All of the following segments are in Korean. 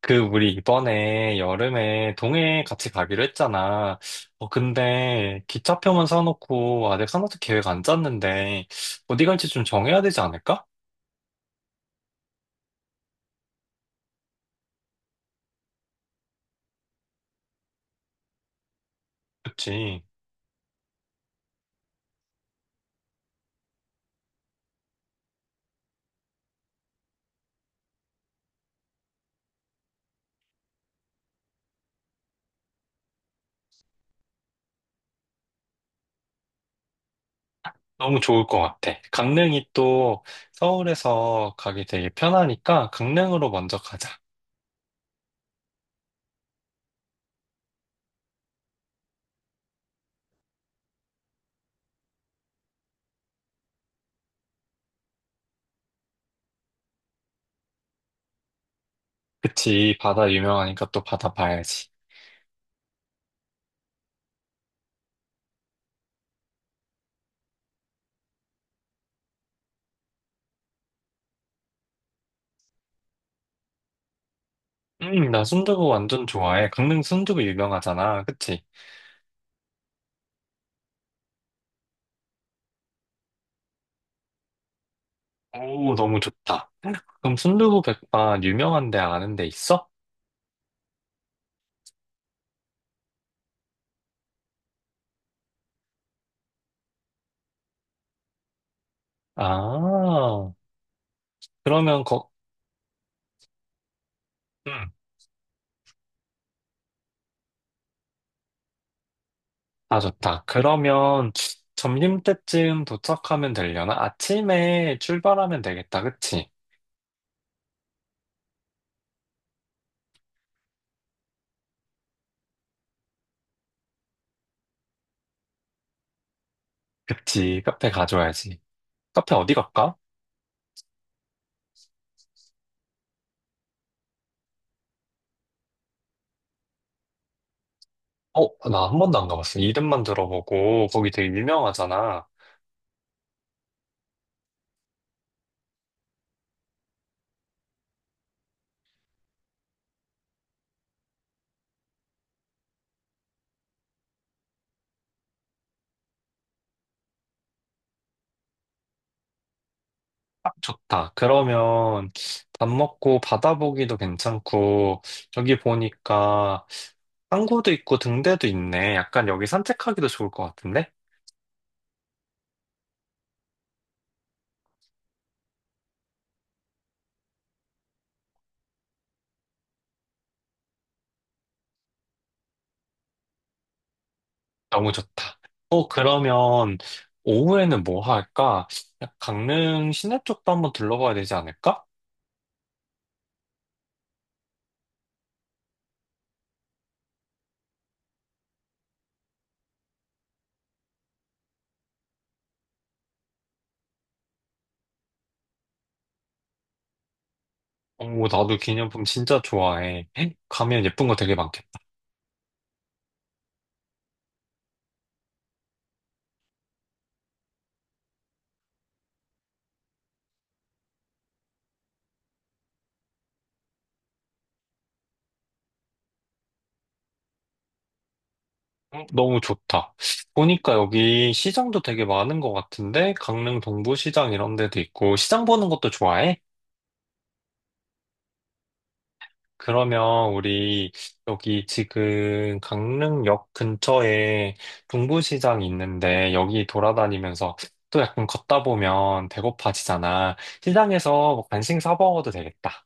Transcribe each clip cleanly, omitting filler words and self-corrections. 그, 우리 이번에 여름에 동해 같이 가기로 했잖아. 근데 기차표만 사놓고 아직 하나도 계획 안 짰는데 어디 갈지 좀 정해야 되지 않을까? 그치. 너무 좋을 것 같아. 강릉이 또 서울에서 가기 되게 편하니까 강릉으로 먼저 가자. 그치. 바다 유명하니까 또 바다 봐야지. 나 순두부 완전 좋아해. 강릉 순두부 유명하잖아. 그치? 오, 너무 좋다. 그럼 순두부 백반 유명한 데 아는 데 있어? 아, 그러면 거, 음, 아, 좋다. 그러면 점심 때쯤 도착하면 되려나? 아침에 출발하면 되겠다. 그치? 그치. 카페 가줘야지. 카페 어디 갈까? 어, 나 한 번도 안 가봤어. 이름만 들어보고, 거기 되게 유명하잖아. 아, 좋다. 그러면 밥 먹고 바다 보기도 괜찮고, 저기 보니까 항구도 있고 등대도 있네. 약간 여기 산책하기도 좋을 것 같은데? 너무 좋다. 어, 그러면 오후에는 뭐 할까? 강릉 시내 쪽도 한번 둘러봐야 되지 않을까? 오, 나도 기념품 진짜 좋아해. 가면 예쁜 거 되게 많겠다. 너무 좋다. 보니까 여기 시장도 되게 많은 것 같은데, 강릉 동부시장 이런 데도 있고, 시장 보는 것도 좋아해? 그러면 우리 여기 지금 강릉역 근처에 동부시장이 있는데 여기 돌아다니면서 또 약간 걷다 보면 배고파지잖아. 시장에서 뭐 간식 사 먹어도 되겠다.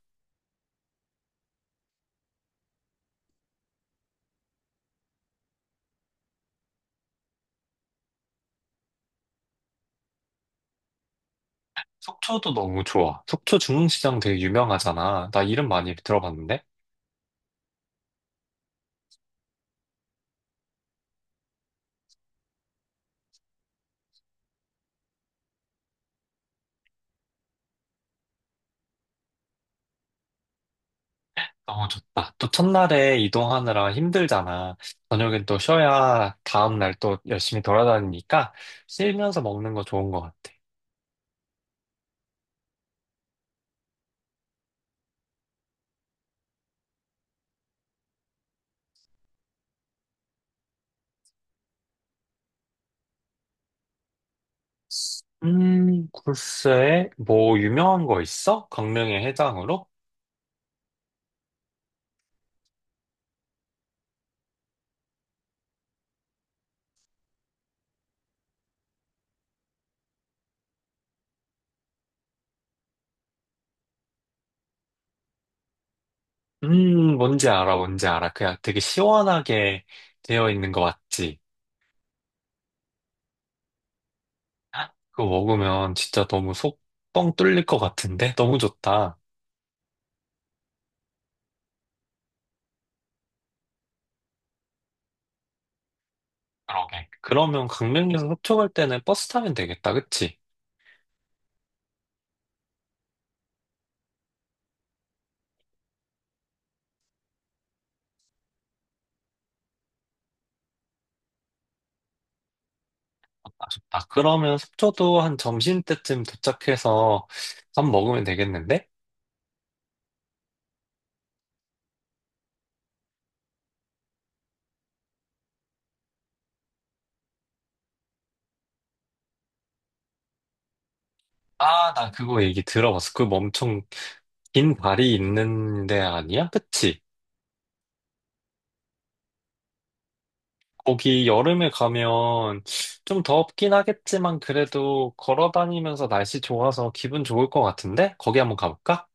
속초도 너무 좋아. 속초 중흥시장 되게 유명하잖아. 나 이름 많이 들어봤는데? 너무 좋다. 또 첫날에 이동하느라 힘들잖아. 저녁엔 또 쉬어야 다음날 또 열심히 돌아다니니까 쉬면서 먹는 거 좋은 것 같아. 글쎄, 뭐, 유명한 거 있어? 강릉의 해장으로? 뭔지 알아, 뭔지 알아. 그냥 되게 시원하게 되어 있는 거 맞지? 그거 먹으면 진짜 너무 속 뻥 뚫릴 것 같은데? 너무 좋다. 그러게. 그러면 강릉에서 속초 갈 때는 버스 타면 되겠다, 그치? 아, 좋다. 그러면 속초도 한 점심때쯤 도착해서 밥 먹으면 되겠는데? 아, 나 그거 얘기 들어봤어. 그거 엄청 긴 다리 있는 데 아니야? 그치? 거기 여름에 가면 좀 덥긴 하겠지만 그래도 걸어 다니면서 날씨 좋아서 기분 좋을 것 같은데? 거기 한번 가볼까?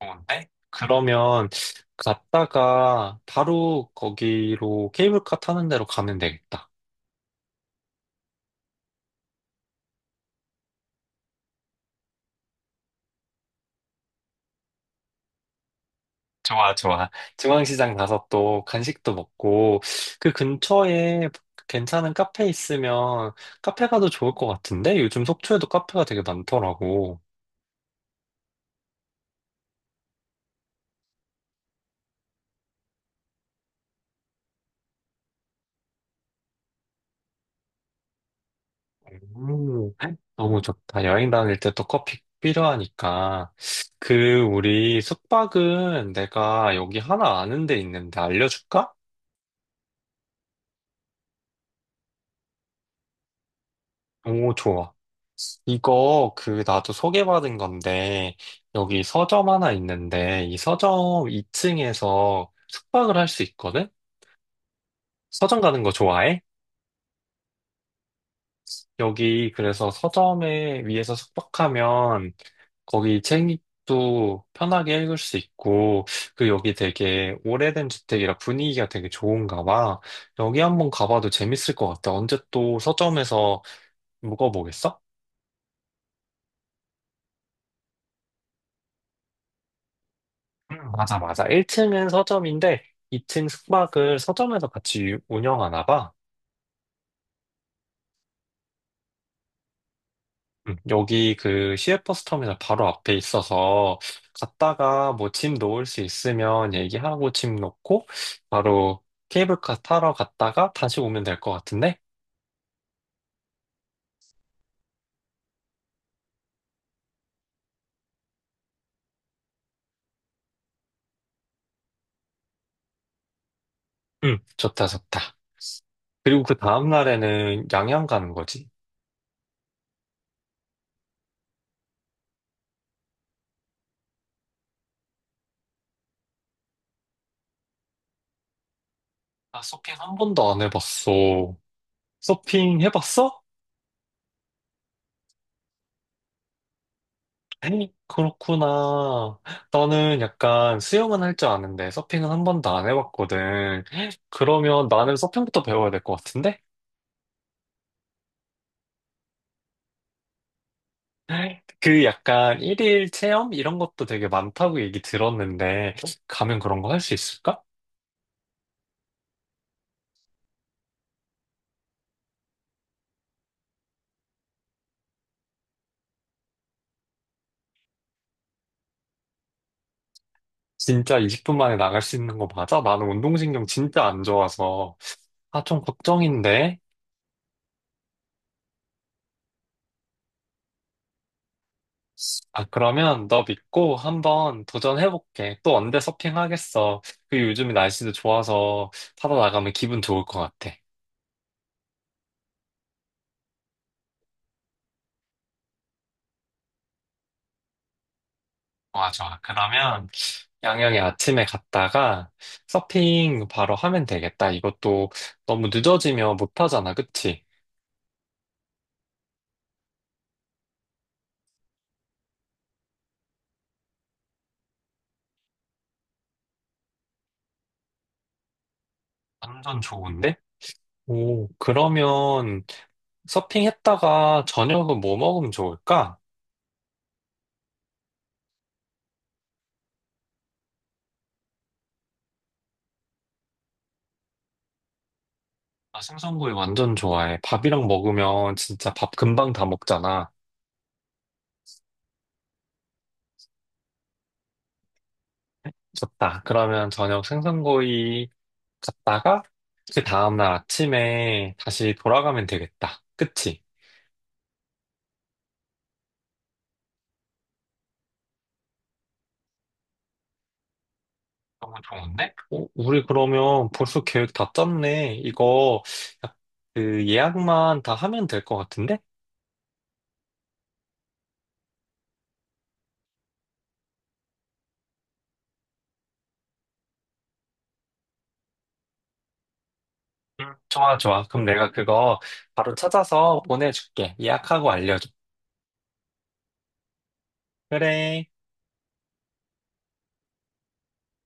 좋은데? 그러면 갔다가 바로 거기로 케이블카 타는 데로 가면 되겠다. 좋아, 좋아. 중앙시장 가서 또 간식도 먹고 그 근처에 괜찮은 카페 있으면 카페 가도 좋을 것 같은데? 요즘 속초에도 카페가 되게 많더라고. 너무 좋다. 여행 다닐 때 또 커피 필요하니까. 그, 우리 숙박은 내가 여기 하나 아는 데 있는데 알려줄까? 오, 좋아. 이거 그 나도 소개받은 건데 여기 서점 하나 있는데 이 서점 2층에서 숙박을 할 수 있거든? 서점 가는 거 좋아해? 여기 그래서 서점에 위에서 숙박하면 거기 책도 편하게 읽을 수 있고, 그 여기 되게 오래된 주택이라 분위기가 되게 좋은가 봐. 여기 한번 가봐도 재밌을 것 같아. 언제 또 서점에서 묵어보겠어? 맞아, 맞아. 1층은 서점인데, 2층 숙박을 서점에서 같이 운영하나 봐. 여기 그 시외버스 터미널 바로 앞에 있어서 갔다가 뭐 짐 놓을 수 있으면 얘기하고 짐 놓고 바로 케이블카 타러 갔다가 다시 오면 될 것 같은데? 응, 좋다, 좋다. 그리고 그 다음날에는 양양 가는 거지. 아, 서핑 한 번도 안 해봤어. 서핑 해봤어? 에이, 그렇구나. 나는 약간 수영은 할 줄 아는데 서핑은 한 번도 안 해봤거든. 그러면 나는 서핑부터 배워야 될 것 같은데? 그 약간 일일 체험? 이런 것도 되게 많다고 얘기 들었는데, 가면 그런 거 할 수 있을까? 진짜 20분 만에 나갈 수 있는 거 맞아? 나는 운동신경 진짜 안 좋아서. 아, 좀 걱정인데. 아, 그러면 너 믿고 한번 도전해볼게. 또 언제 서핑하겠어. 그 요즘 날씨도 좋아서 타다 나가면 기분 좋을 것 같아. 좋아, 좋아. 그러면 양양에 아침에 갔다가 서핑 바로 하면 되겠다. 이것도 너무 늦어지면 못하잖아, 그치? 완전 좋은데? 오, 그러면 서핑했다가 저녁은 뭐 먹으면 좋을까? 나 생선구이 완전 좋아해. 밥이랑 먹으면 진짜 밥 금방 다 먹잖아. 좋다. 그러면 저녁 생선구이 갔다가 그 다음날 아침에 다시 돌아가면 되겠다. 그치? 너무 좋은데? 어, 우리 그러면 벌써 계획 다 짰네. 약- 그 예약만 다 하면 될 것 같은데? 응, 좋아, 좋아. 그럼 내가 그거 바로 찾아서 보내줄게. 예약하고 알려줘. 그래.